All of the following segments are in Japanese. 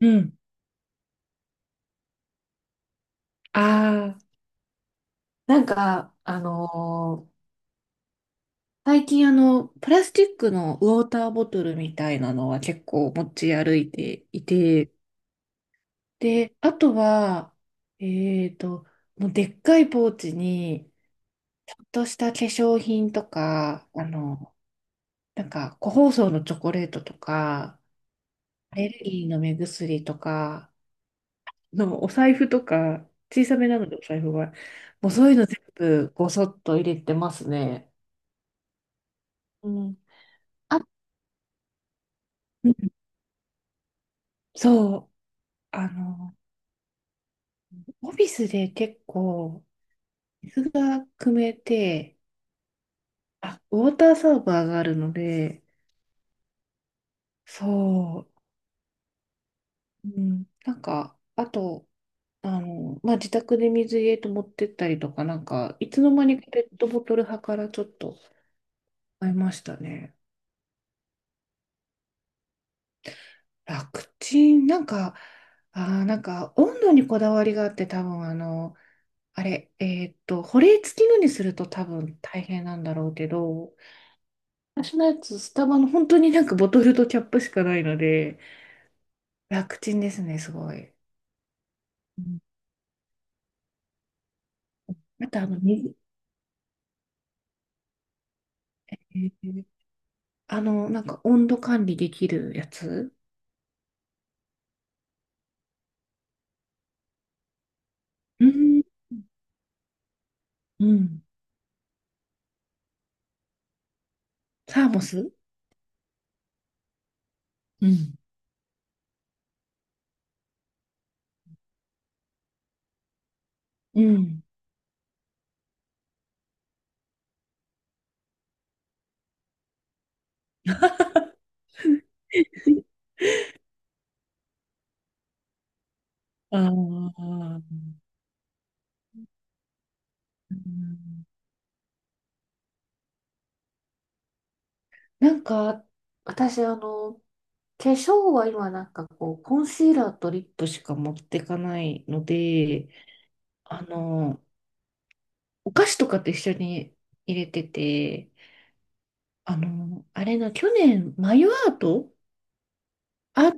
うん。ああ、なんか、最近プラスチックのウォーターボトルみたいなのは結構持ち歩いていて、で、あとは、えっと、もうでっかいポーチに、ちょっとした化粧品とか、なんか、個包装のチョコレートとか、アレルギーの目薬とか、のお財布とか、小さめなのでお財布は、もうそういうの全部ごそっと入れてますね。うん。あ、うん。そう、あの、オフィスで結構、水が汲めて、あ、ウォーターサーバーがあるので、そう、うん、なんか、あと、まあ、自宅で水入れと持ってったりとか、なんか、いつの間にかペットボトル派からちょっと買いましたね。楽ちん、なんか、なんか、温度にこだわりがあって、多分あの、あれ、えーっと、保冷付きのにすると多分大変なんだろうけど、私のやつ、スタバの本当になんかボトルとキャップしかないので、楽ちんですね、すごい。うん、あと、水、えーなんか温度管理できるやつ。うん、うん。サーモス。うん。うん。ああ、うん。なんか、私、化粧は今、なんかこう、コンシーラーとリップしか持ってかないので、あの、お菓子とかと一緒に入れてて、あの、あれな去年、眉アートアー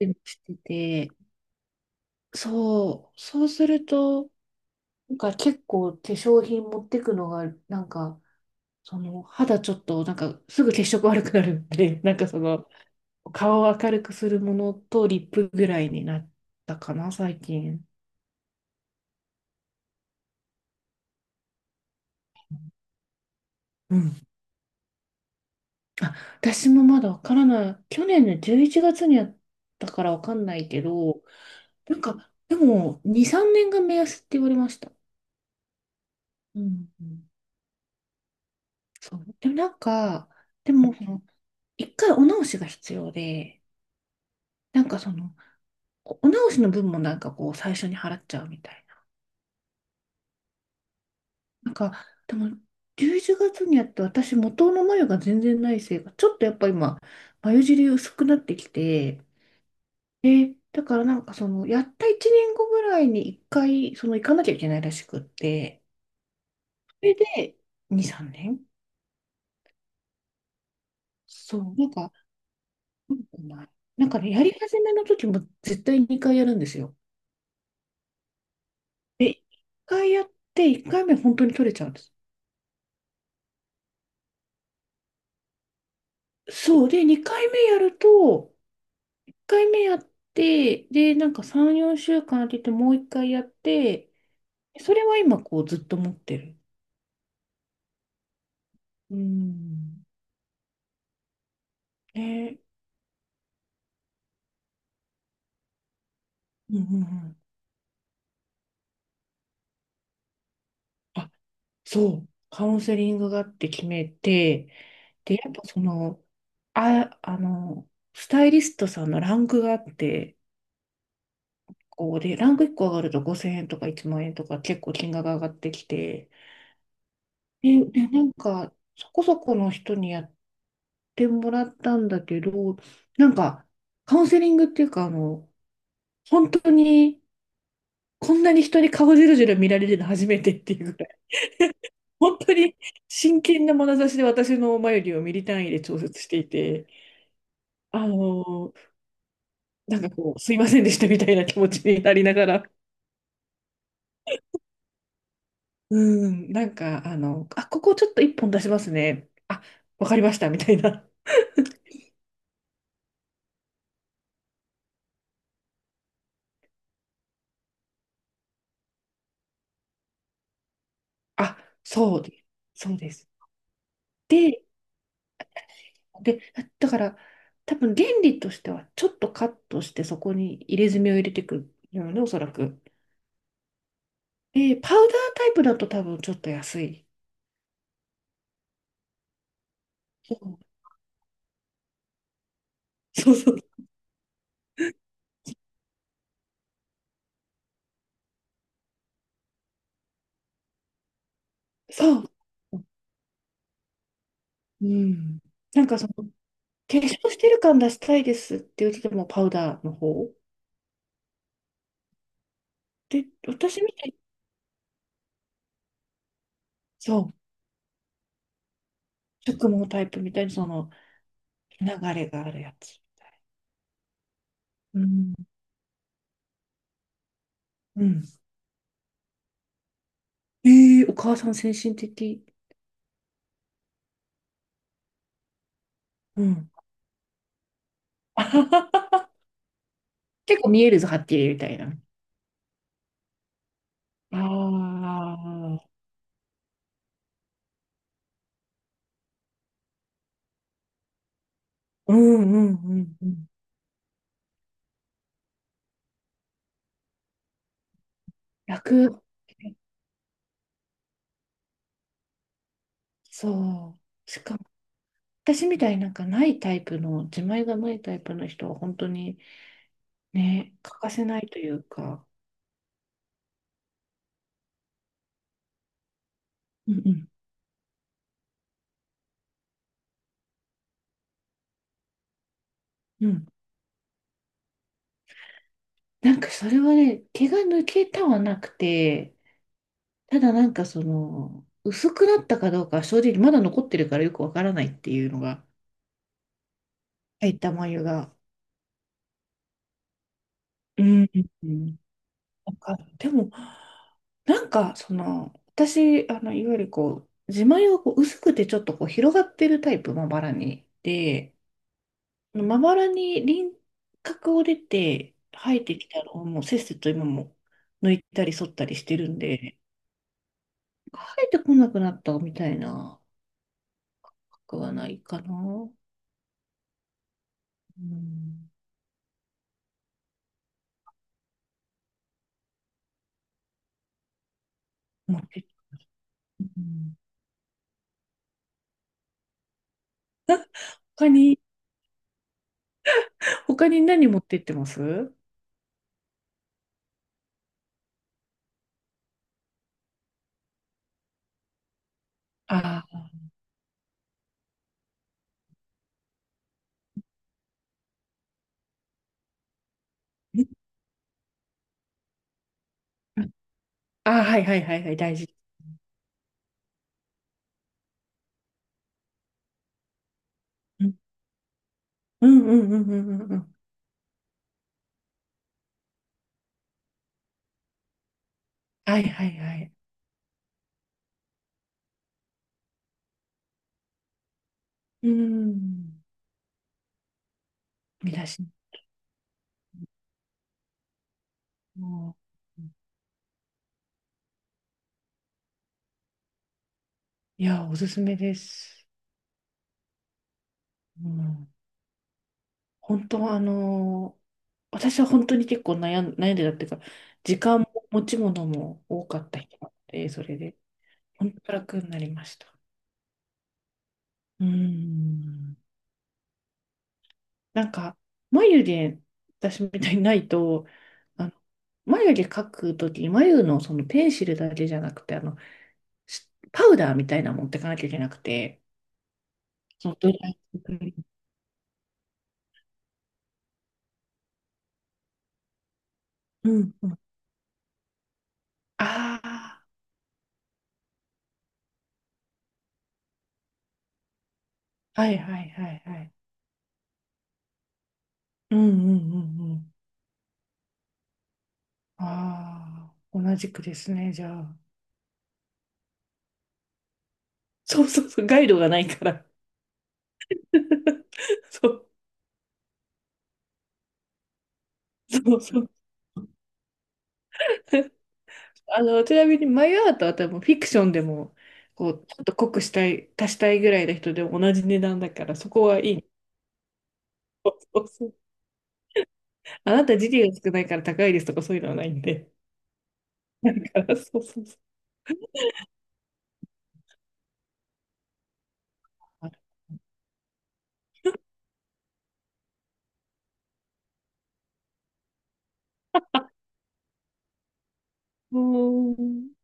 トもしてて、そう、そうすると、なんか結構化粧品持ってくのが、なんか、その肌ちょっと、なんかすぐ血色悪くなるんで、なんかその、顔を明るくするものとリップぐらいになったかな、最近。うん。あ、私もまだわからない。去年の11月にやったからわかんないけど、なんか、でも、2、3年が目安って言われました。うん。そう。でもなんか、でも、その一回お直しが必要で、なんかその、お直しの分もなんかこう、最初に払っちゃうみたいな。なんか、でも、11月にやって私、元の眉が全然ないせいか、ちょっとやっぱ今、眉尻薄くなってきて、で、だからなんかその、やった1年後ぐらいに一回、その、行かなきゃいけないらしくって、それで、2、3年。そう、なんか、なんかね、やり始めの時も絶対2回やるんですよ。で、一回やって、一回目本当に取れちゃうんです。そう。で、2回目やると、一回目やって、で、なんか3、4週間空けて、もう一回やって、それは今、こう、ずっと持ってる。うん。ね。うんうんうん。あ、そう。カウンセリングがあって決めて、で、やっぱその、あ、スタイリストさんのランクがあって、こうで、ランク1個上がると5000円とか1万円とか結構金額が上がってきて、で、なんか、そこそこの人にやってもらったんだけど、なんか、カウンセリングっていうか、本当に、こんなに人に顔じろじろ見られるの初めてっていうぐらい、本当に真剣な眼差しで私の眉毛をミリ単位で調節していて、あの、なんかこう、すいませんでしたみたいな気持ちになりながら、うん、なんか、あ、ここちょっと1本出しますね。あ、わかりました、みたいな。あ、そうで、そうです。でで、だから多分原理としてはちょっとカットしてそこに入れ墨を入れていくるよね、おそらく。で、パウダータイプだと多分ちょっと安い。うん。そうそう。そう。うん。なんかその、化粧してる感出したいですって言っててもパウダーの方。で、私みたいに、そう、植毛タイプみたいにその流れがあるやつ。うん。うん。えー、お母さん先進的。うん。結構見えるぞ、はっきりみたいな。ああ、うんうんうんうん。楽。そう。しかも、私みたいになんかないタイプの、自前がないタイプの人は本当にね、欠かせないというか、うんうんうん。なんかそれはね、毛が抜けたはなくて、ただなんかその、薄くなったかどうかは正直まだ残ってるからよくわからないっていうのが、入った眉が。うん。なんか、でも、なんか、その、私、いわゆるこう、自前がこう薄くてちょっとこう広がってるタイプ、まばらに。で、まばらに輪郭を出て生えてきたのをもうせっせと今も抜いたり剃ったりしてるんで、生えてこなくなったみたいな角はないかな。うん。持って、うん、他に、他に何持ってってます？ああー、あー、はいはいはいはい、大事。うんうんうんうんうんうん。はいはいはい。うん。見出し。もういや、おすすめです。うん。本当は私は本当に結構悩んでたっていうか、時間も持ち物も多かった人なので、それで、本当楽になりました。うん。なんか、眉毛、私みたいにないと、あの眉毛描くときに、眉のそのペンシルだけじゃなくて、パウダーみたいなの持ってかなきゃいけなくて、そのドライクリーム。うんうん。ああ、はいはいはいはい。うんうんうんうん。ああ、同じくですね、じゃあ。そうそうそう、ガイドがないから。そうそうそう。ちなみにマイアートは多分フィクションでも、こう、ちょっと濃くしたい、足したいぐらいの人でも同じ値段だから、そこはいい。そうそうそう。あなた時給が少ないから高いですとかそういうのはないんで。だからそうそうそう。うーん。